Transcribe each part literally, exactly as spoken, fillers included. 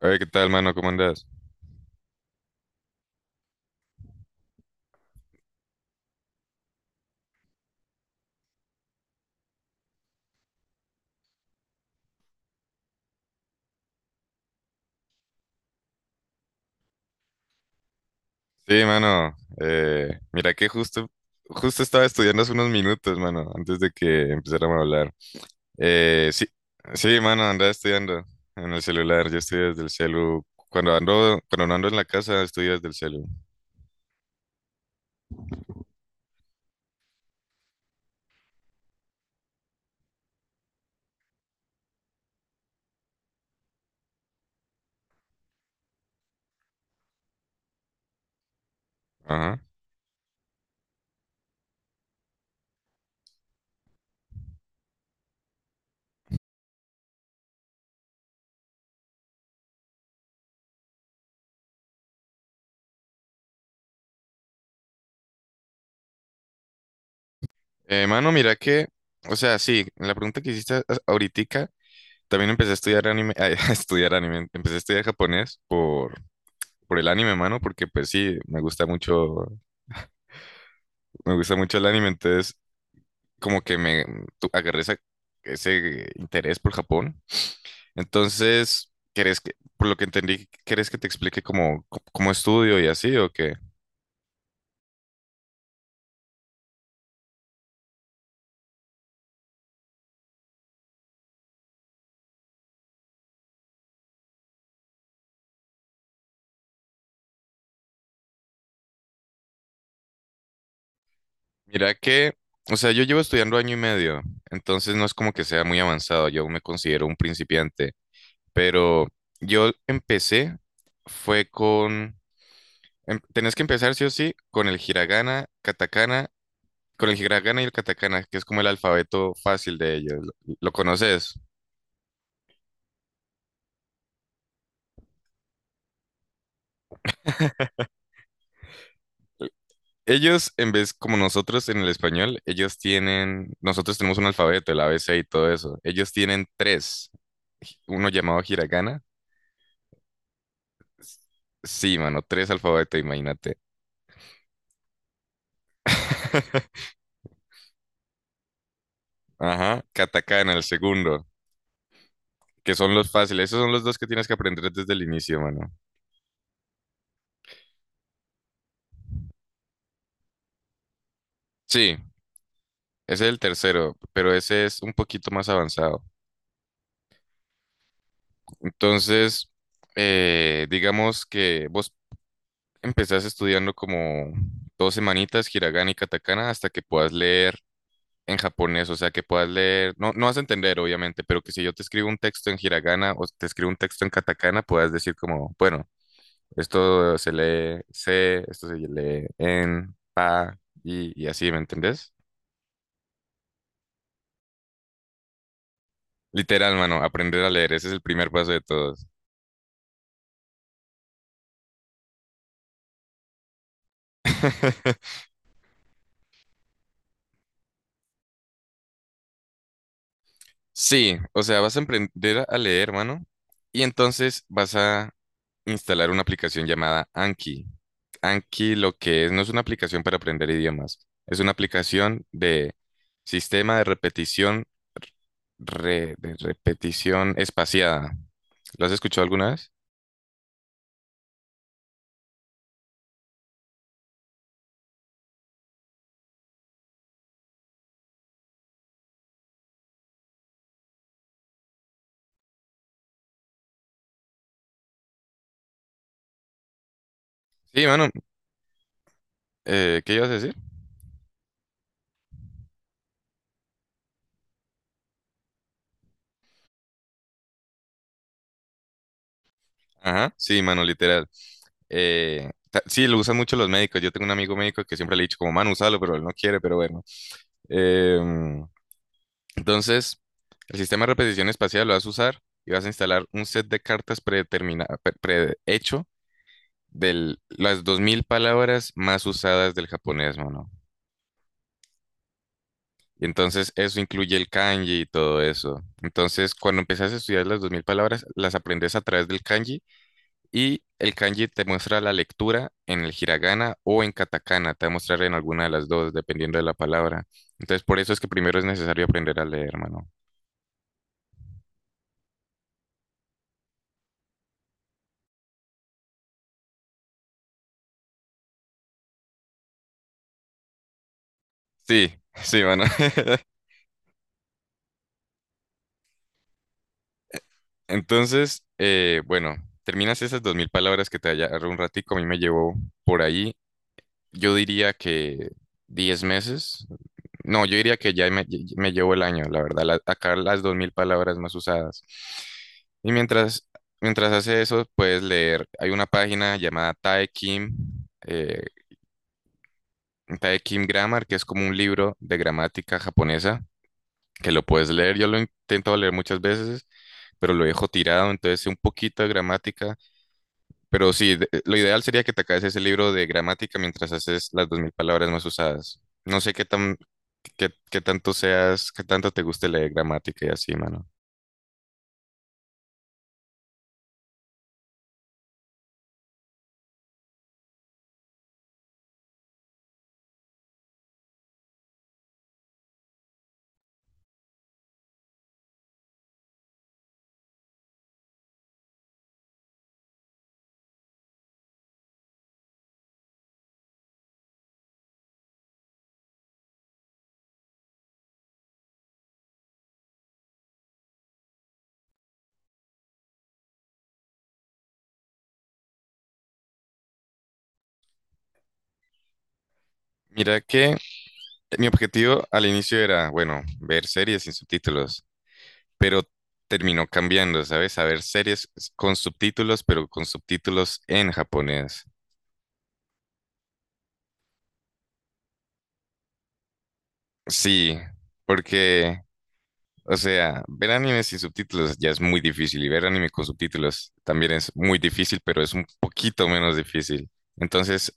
Oye, ¿qué tal, mano? ¿Cómo andas? Sí, mano. Eh, mira que justo, justo estaba estudiando hace unos minutos, mano, antes de que empezáramos a hablar. Eh, sí, sí, mano, andaba estudiando en el celular. Yo estudio desde el celu. Cuando ando, cuando no ando en la casa, estudio desde el celu. Ajá. Eh, mano, mira que, o sea, sí, en la pregunta que hiciste ahorita, también empecé a estudiar anime, a estudiar anime, empecé a estudiar japonés por, por el anime, mano, porque pues sí, me gusta mucho, me gusta mucho el anime, entonces como que me tu- agarré esa- ese interés por Japón. Entonces, ¿querés que, por lo que entendí, querés que te explique cómo, cómo cómo estudio y así o qué? Mira que, o sea, yo llevo estudiando año y medio, entonces no es como que sea muy avanzado, yo me considero un principiante, pero yo empecé, fue con, em- tenés que empezar sí o sí con el hiragana, katakana, con el hiragana y el katakana, que es como el alfabeto fácil de ellos, ¿lo, lo conoces? Ellos, en vez como nosotros en el español, ellos tienen, nosotros tenemos un alfabeto, el A B C y todo eso. Ellos tienen tres, hi- uno llamado hiragana. Sí, mano, tres alfabetos, imagínate. Ajá, katakana, el segundo, que son los fáciles. Esos son los dos que tienes que aprender desde el inicio, mano. Sí, ese es el tercero, pero ese es un poquito más avanzado. Entonces, eh, digamos que vos empezás estudiando como dos semanitas hiragana y katakana hasta que puedas leer en japonés, o sea, que puedas leer, no, no vas a entender, obviamente, pero que si yo te escribo un texto en hiragana o te escribo un texto en katakana, puedas decir como, bueno, esto se lee se, esto se lee en pa y, y así, ¿me entendés? Literal, mano, aprender a leer, ese es el primer paso de todos. Sí, o sea, vas a aprender a leer, mano, y entonces vas a instalar una aplicación llamada Anki. Anki lo que es, no es una aplicación para aprender idiomas, es una aplicación de sistema de repetición, re- de repetición espaciada. ¿Lo has escuchado alguna vez? Sí, mano, eh, ¿qué ibas a decir? Ajá, sí, mano, literal. Eh, ta- sí, lo usan mucho los médicos. Yo tengo un amigo médico que siempre le he dicho como, mano, úsalo, pero él no quiere, pero bueno. Em, Entonces, el sistema de repetición espacial lo vas a usar y vas a instalar un set de cartas predetermina- pre- prehecho de las dos mil palabras más usadas del japonés, mano. Y entonces eso incluye el kanji y todo eso. Entonces, cuando empiezas a estudiar las dos mil palabras, las aprendes a través del kanji y el kanji te muestra la lectura en el hiragana o en katakana, te va a mostrar en alguna de las dos, dependiendo de la palabra. Entonces, por eso es que primero es necesario aprender a leer, mano. Sí, sí, mano. Entonces, eh, bueno, terminas esas dos mil palabras que te agarró un ratico, a mí me llevó por ahí, yo diría que diez meses, no, yo diría que ya me, lle- me llevó el año, la verdad, la- sacar las dos mil palabras más usadas. Y mientras, mientras hace eso, puedes leer, hay una página llamada Taekim, eh, Taekim Grammar, que es como un libro de gramática japonesa, que lo puedes leer, yo lo he intentado leer muchas veces, pero lo dejo tirado, entonces sé un poquito de gramática. Pero sí, de- eh, lo ideal sería que te acabes ese libro de gramática mientras haces las dos mil palabras más usadas. No sé qué tan, qué, qué tanto seas, qué tanto te guste leer gramática y así, mano. Mira que eh, mi objetivo al inicio era, bueno, ver series sin subtítulos, pero terminó cambiando, ¿sabes? A ver series con subtítulos, pero con subtítulos en japonés. Sí, porque o sea, ver anime sin subtítulos ya es muy difícil y ver anime con subtítulos también es muy difícil, pero es un poquito menos difícil. Entonces,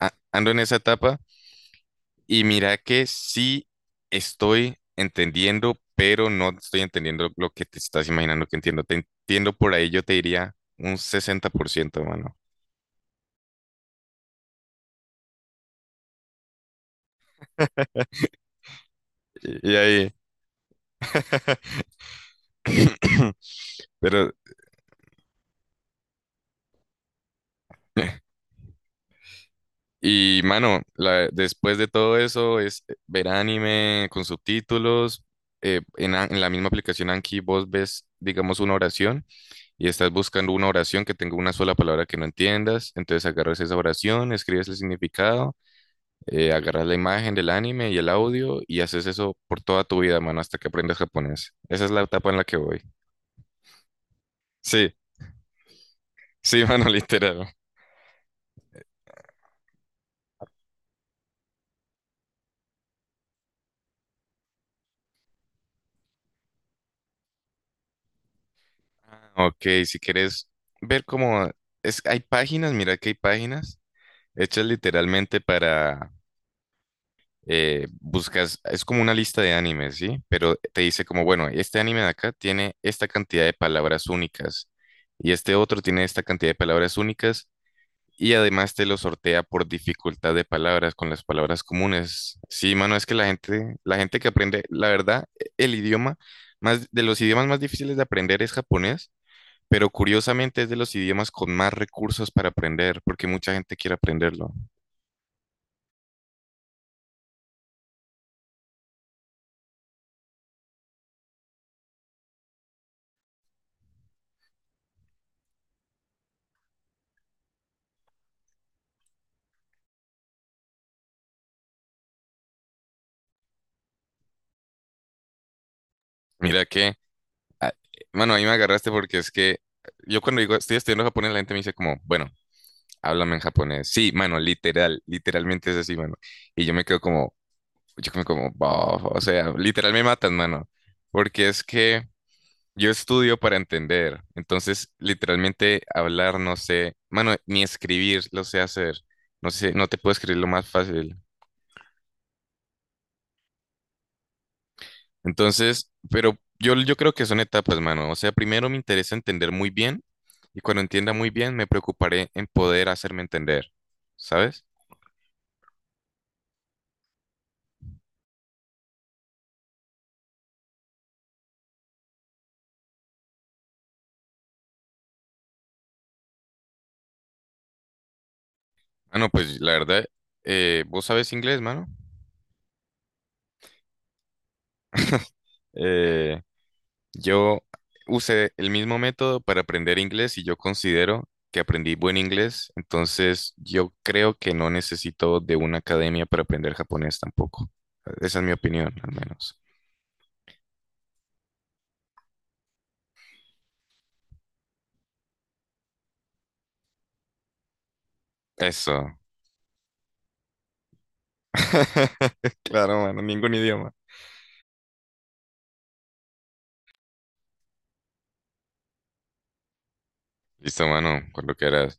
a- ando en esa etapa y mira que sí estoy entendiendo, pero no estoy entendiendo lo que te estás imaginando que entiendo. Te entiendo por ahí, yo te diría un sesenta por ciento, mano. Y y ahí, pero y mano, la- después de todo eso es eh, ver anime con subtítulos. Eh, en, a- en la misma aplicación Anki vos ves, digamos, una oración y estás buscando una oración que tenga una sola palabra que no entiendas. Entonces agarras esa oración, escribes el significado, eh, agarras la imagen del anime y el audio y haces eso por toda tu vida, mano, hasta que aprendas japonés. Esa es la etapa en la que voy. Sí, sí, mano, literal. Ah, ok, si quieres ver cómo es, hay páginas, mira que hay páginas hechas literalmente para, eh, buscas, es como una lista de animes, ¿sí? Pero te dice como, bueno, este anime de acá tiene esta cantidad de palabras únicas y este otro tiene esta cantidad de palabras únicas y además te lo sortea por dificultad de palabras con las palabras comunes. Sí, mano, es que la gente, la gente que aprende, la verdad, e-, el idioma, más, de los idiomas más difíciles de aprender es japonés. Pero curiosamente es de los idiomas con más recursos para aprender, porque mucha gente quiere aprenderlo. Mira que ah, bueno, ahí me agarraste porque es que yo cuando digo estoy estudiando japonés, la gente me dice como, bueno, háblame en japonés. Sí, mano, literal, literalmente es así, mano. Y yo me quedo como, yo me como, "Bof", o sea, literal me matan, mano. Porque es que yo estudio para entender. Entonces, literalmente hablar, no sé, mano, ni escribir lo sé hacer. No sé, no te puedo escribir lo más fácil. Entonces, pero yo, yo creo que son etapas, mano. O sea, primero me interesa entender muy bien y cuando entienda muy bien me preocuparé en poder hacerme entender, ¿sabes? Mano, pues la verdad, eh, vos sabes inglés, mano. Eh, yo usé el mismo método para aprender inglés y yo considero que aprendí buen inglés, entonces yo creo que no necesito de una academia para aprender japonés tampoco. Esa es mi opinión, al menos. Eso. Claro, mano, ningún idioma. Listo, mano, con lo que era